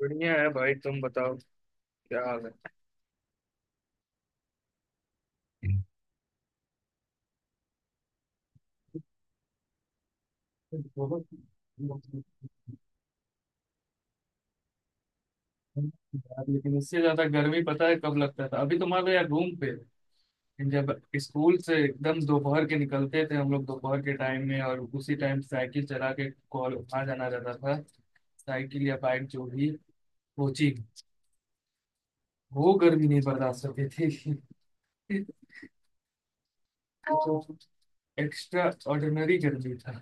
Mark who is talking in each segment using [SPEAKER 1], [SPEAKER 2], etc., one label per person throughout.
[SPEAKER 1] बढ़िया है भाई, तुम बताओ क्या हाल है। बहुत यार, लेकिन इससे ज्यादा गर्मी पता है कब लगता था? अभी तो मान लो यार रूम पे, जब स्कूल से एकदम दोपहर के निकलते थे हम लोग, दोपहर के टाइम में, और उसी टाइम साइकिल चला के कॉल आ जाना रहता था। साइकिल या बाइक जो भी, कोचिंग। वो गर्मी नहीं बर्दाश्त होती थी। जो एक्स्ट्रा ऑर्डिनरी गर्मी था।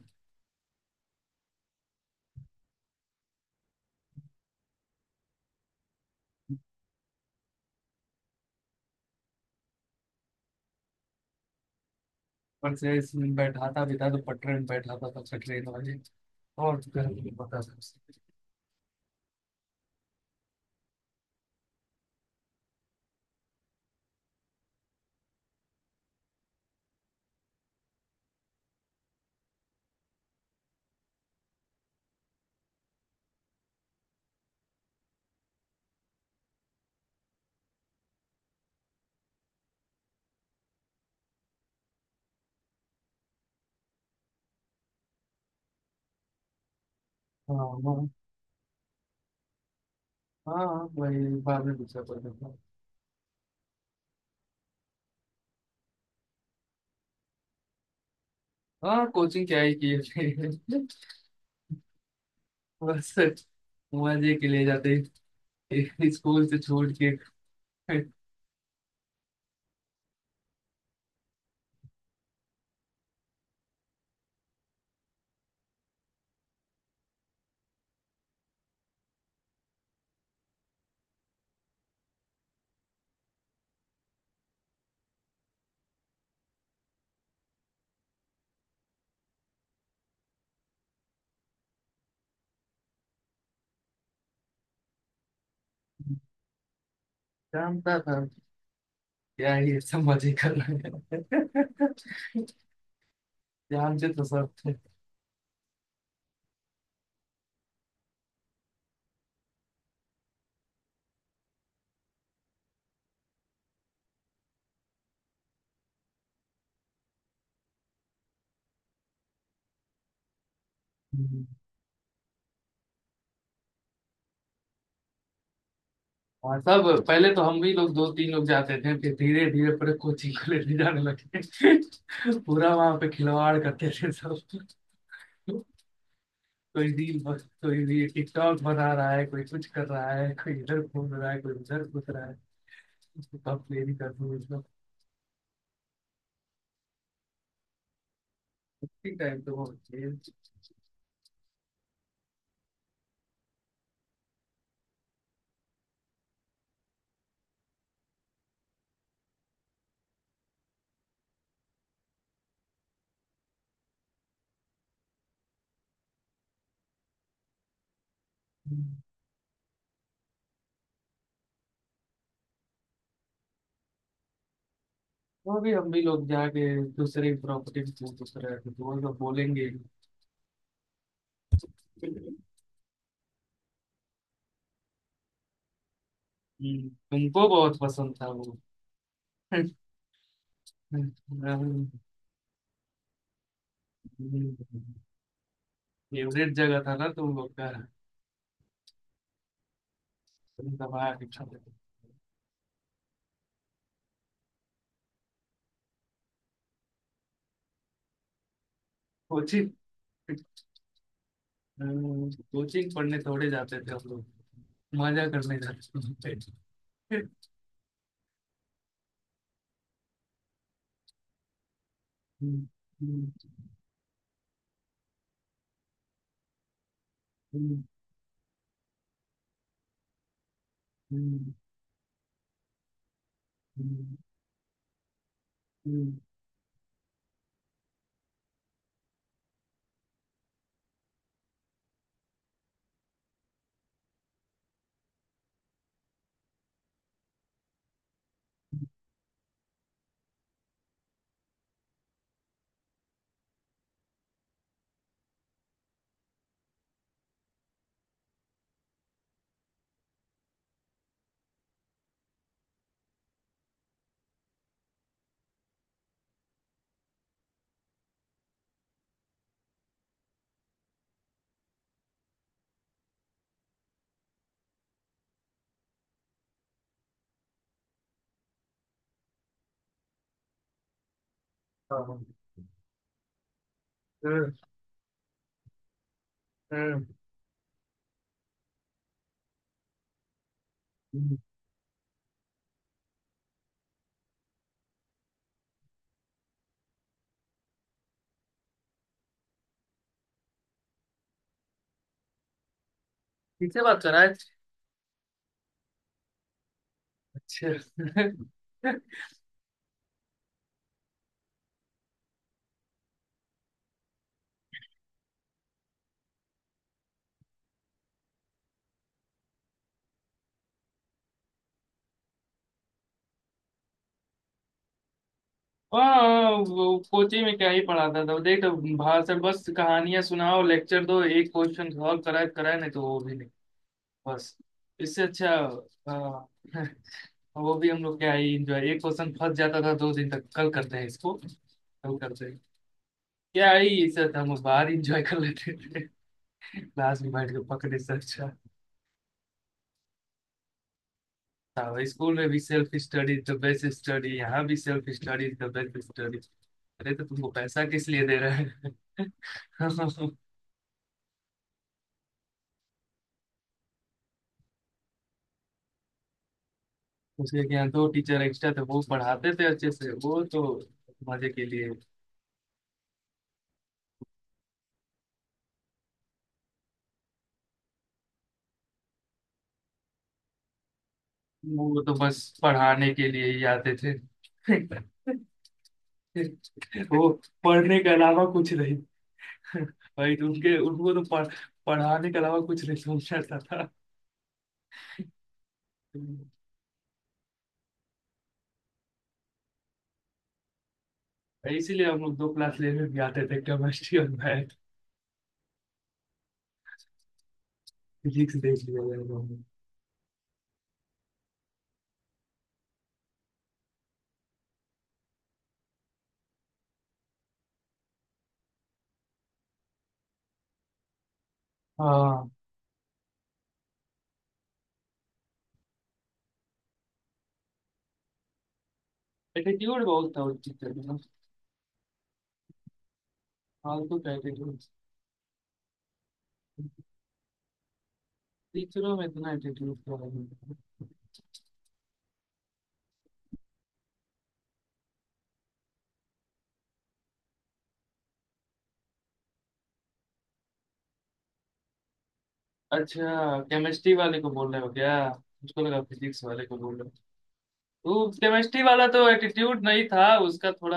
[SPEAKER 1] पर से इसमें बैठा था, भी था तो पटरे में बैठा था तब से, ट्रेन वाली, और तो कहीं नहीं पता था उसे। हाँ। हाँ। हाँ, वही बाद में दूसरा पता था। हाँ, कोचिंग क्या ही की है। बस मजे के लिए जाते हैं। स्कूल से छोड़ के। जानता था क्या ही सब मजे कर रहे हैं। ध्यान से तो सब थे। हाँ, सब पहले तो हम भी लोग दो तीन लोग जाते थे, फिर धीरे धीरे पूरे कोचिंग को लेके जाने लगे। पूरा वहां पे खिलवाड़ करते थे सब। कोई रील बस, कोई भी टिकटॉक बना रहा है, कोई कुछ कर रहा है, कोई इधर घूम रहा है, कोई उधर घूम रहा है। कब प्लेन कर दूँ इसमें। कुछ टाइम तो बहुत चाहिए। हम्म। वो भी हम भी लोग जाके दूसरे प्रॉपर्टी में पूछ पूछ रहे थे तो वो लोग बोलेंगे। तुमको बहुत पसंद था वो। हम्म। हम्म। फेवरेट जगह था ना तुम लोग का। तुम दबा के खाते थे। कोचिंग। कोचिंग पढ़ने थोड़े जाते थे हम लोग। मजा करने जाते थे। हम्म। हम्म। हम्म। हम्म। हम्म। हम्म। हाँ, हाँ। हम्म। हम्म। हम्म। किससे बात कर रहा है? अच्छा। हाँ, वो कोचिंग में क्या ही पढ़ाता था वो, देख तो। भाषण, बस कहानियां सुनाओ, लेक्चर दो। एक क्वेश्चन सॉल्व कराए, कराए नहीं तो वो भी नहीं। बस इससे अच्छा। हाँ। वो भी हम लोग क्या है, इंजॉय। एक क्वेश्चन फंस जाता था दो दिन तक, कल करते हैं इसको, कल करते हैं। क्या है ये सर, हम लोग बाहर इंजॉय कर लेते थे। क्लास में बैठ के पकड़े सर, अच्छा था। स्कूल में भी self study the best study, यहाँ भी self study the best study. अरे तो तुमको पैसा किस लिए दे रहे हैं? उसके यहाँ दो टीचर एक्स्ट्रा थे, वो पढ़ाते थे अच्छे से, वो तो। मजे के लिए। वो तो बस पढ़ाने के लिए ही आते थे। वो पढ़ने के अलावा कुछ नहीं। भाई तो उनके उनको तो पढ़ाने के अलावा कुछ नहीं समझता था। हम्म, इसीलिए हम लोग दो क्लास लेने भी आते थे, केमिस्ट्री और मैथ। फिजिक्स देख लिया जाए हमने। हाँ, एटीट्यूड बहुत था उस टीचर में ना, फालतू का एटीट्यूड। टीचरों में इतना एटीट्यूड तो है नहीं था। अच्छा, केमिस्ट्री वाले को बोल रहे हो क्या? मुझको लगा फिजिक्स वाले को बोल। वो केमिस्ट्री वाला तो, एटीट्यूड नहीं था उसका थोड़ा,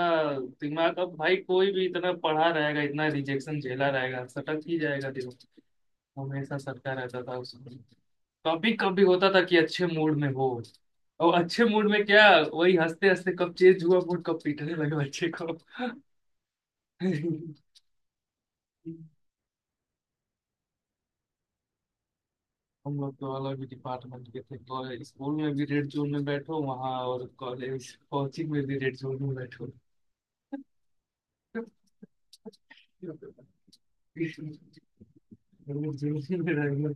[SPEAKER 1] दिमाग। अब भाई कोई भी इतना पढ़ा रहेगा, इतना रिजेक्शन झेला रहेगा, सटक ही जाएगा दिमाग। हमेशा सटका रहता था उसमें। कभी कभी होता था कि अच्छे मूड में हो, और अच्छे मूड में क्या, वही हंसते हंसते कब चेंज हुआ मूड, कब पीटने लगे बच्चे को। हम लोग तो अलग ही डिपार्टमेंट के थे, और स्कूल में भी रेड जोन में बैठो वहाँ, और कॉलेज कोचिंग में भी रेड जोन में बैठो। वो जेल में रहेंगे।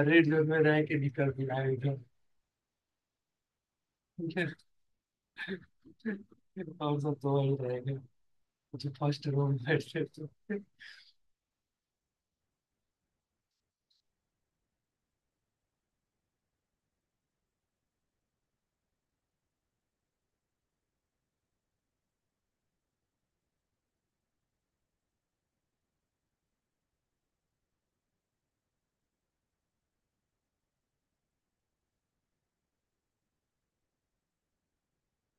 [SPEAKER 1] अरे जेल में रह के निकल भी आएगा, और सब तो वही रहेंगे। मुझे फर्स्ट रो में बैठते तो।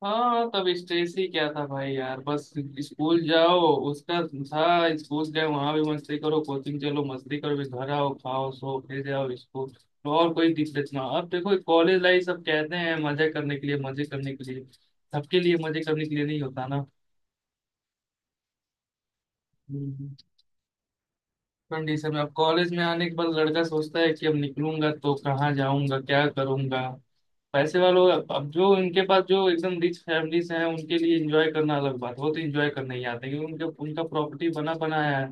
[SPEAKER 1] हाँ, तब स्ट्रेस ही क्या था भाई यार। बस स्कूल जाओ, उसका था। स्कूल जाओ, वहां भी मस्ती करो, कोचिंग चलो मस्ती करो, फिर घर आओ खाओ सो, फिर जाओ स्कूल, और कोई दिक्कत ना। अब देखो, कॉलेज लाइफ सब कहते हैं मजे करने के लिए, मजे करने के लिए। सबके लिए मजे करने के लिए नहीं होता। ना कंडीशन में, अब कॉलेज में आने के बाद लड़का सोचता है कि अब निकलूंगा तो कहाँ जाऊंगा, क्या करूंगा। पैसे वालों, अब जो उनके पास, जो एकदम रिच फैमिलीज हैं उनके लिए एंजॉय करना अलग बात है। वो तो एंजॉय करने ही आते हैं क्योंकि उनके, उनका प्रॉपर्टी बना बनाया है।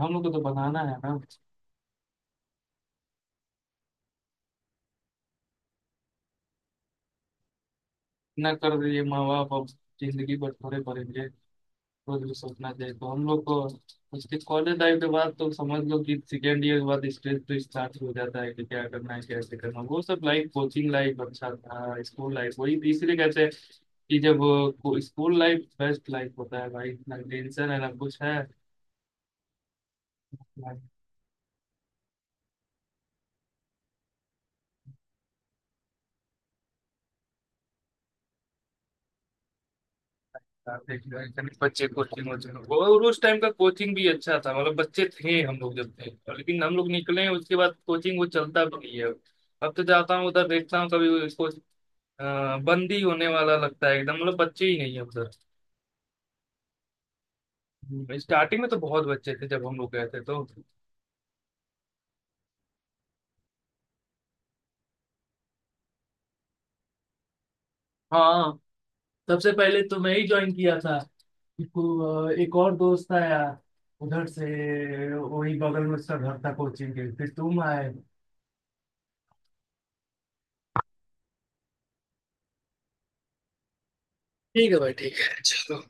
[SPEAKER 1] हम लोग को तो बनाना है ना। इतना कर दिए माँ बाप, अब जिंदगी पर थोड़े पड़ेंगे। खुद सपना थे तो हम लोग को। उसके कॉलेज लाइफ के बाद तो समझ लो कि सेकेंड ईयर के बाद स्ट्रेस तो स्टार्ट हो जाता है कि क्या करना है, कैसे करना है। वो सब लाइफ, कोचिंग लाइफ अच्छा था, स्कूल लाइफ, वही तीसरे कहते हैं कि जब, स्कूल लाइफ बेस्ट लाइफ होता है भाई, ना टेंशन है ना कुछ है। ना साथ में जो है, कभी बच्चे कोचिंग वोचिंग और उस टाइम का कोचिंग भी अच्छा था, मतलब बच्चे थे हम लोग जब थे, और लेकिन हम लोग निकले हैं उसके बाद कोचिंग वो चलता भी नहीं है। अब तो जाता हूँ उधर, देखता हूँ कभी उसको। हाँ, बंदी होने वाला लगता है एकदम, मतलब बच्चे ही नहीं है उधर। स्टार्टिंग में तो बहुत बच्चे थे जब हम लोग गए थे तो। हाँ, सबसे पहले तो मैं ही ज्वाइन किया था इसको, एक और दोस्त आया उधर से। वही बगल में उसका घर था कोचिंग के, फिर तुम आए। ठीक है भाई, ठीक है चलो।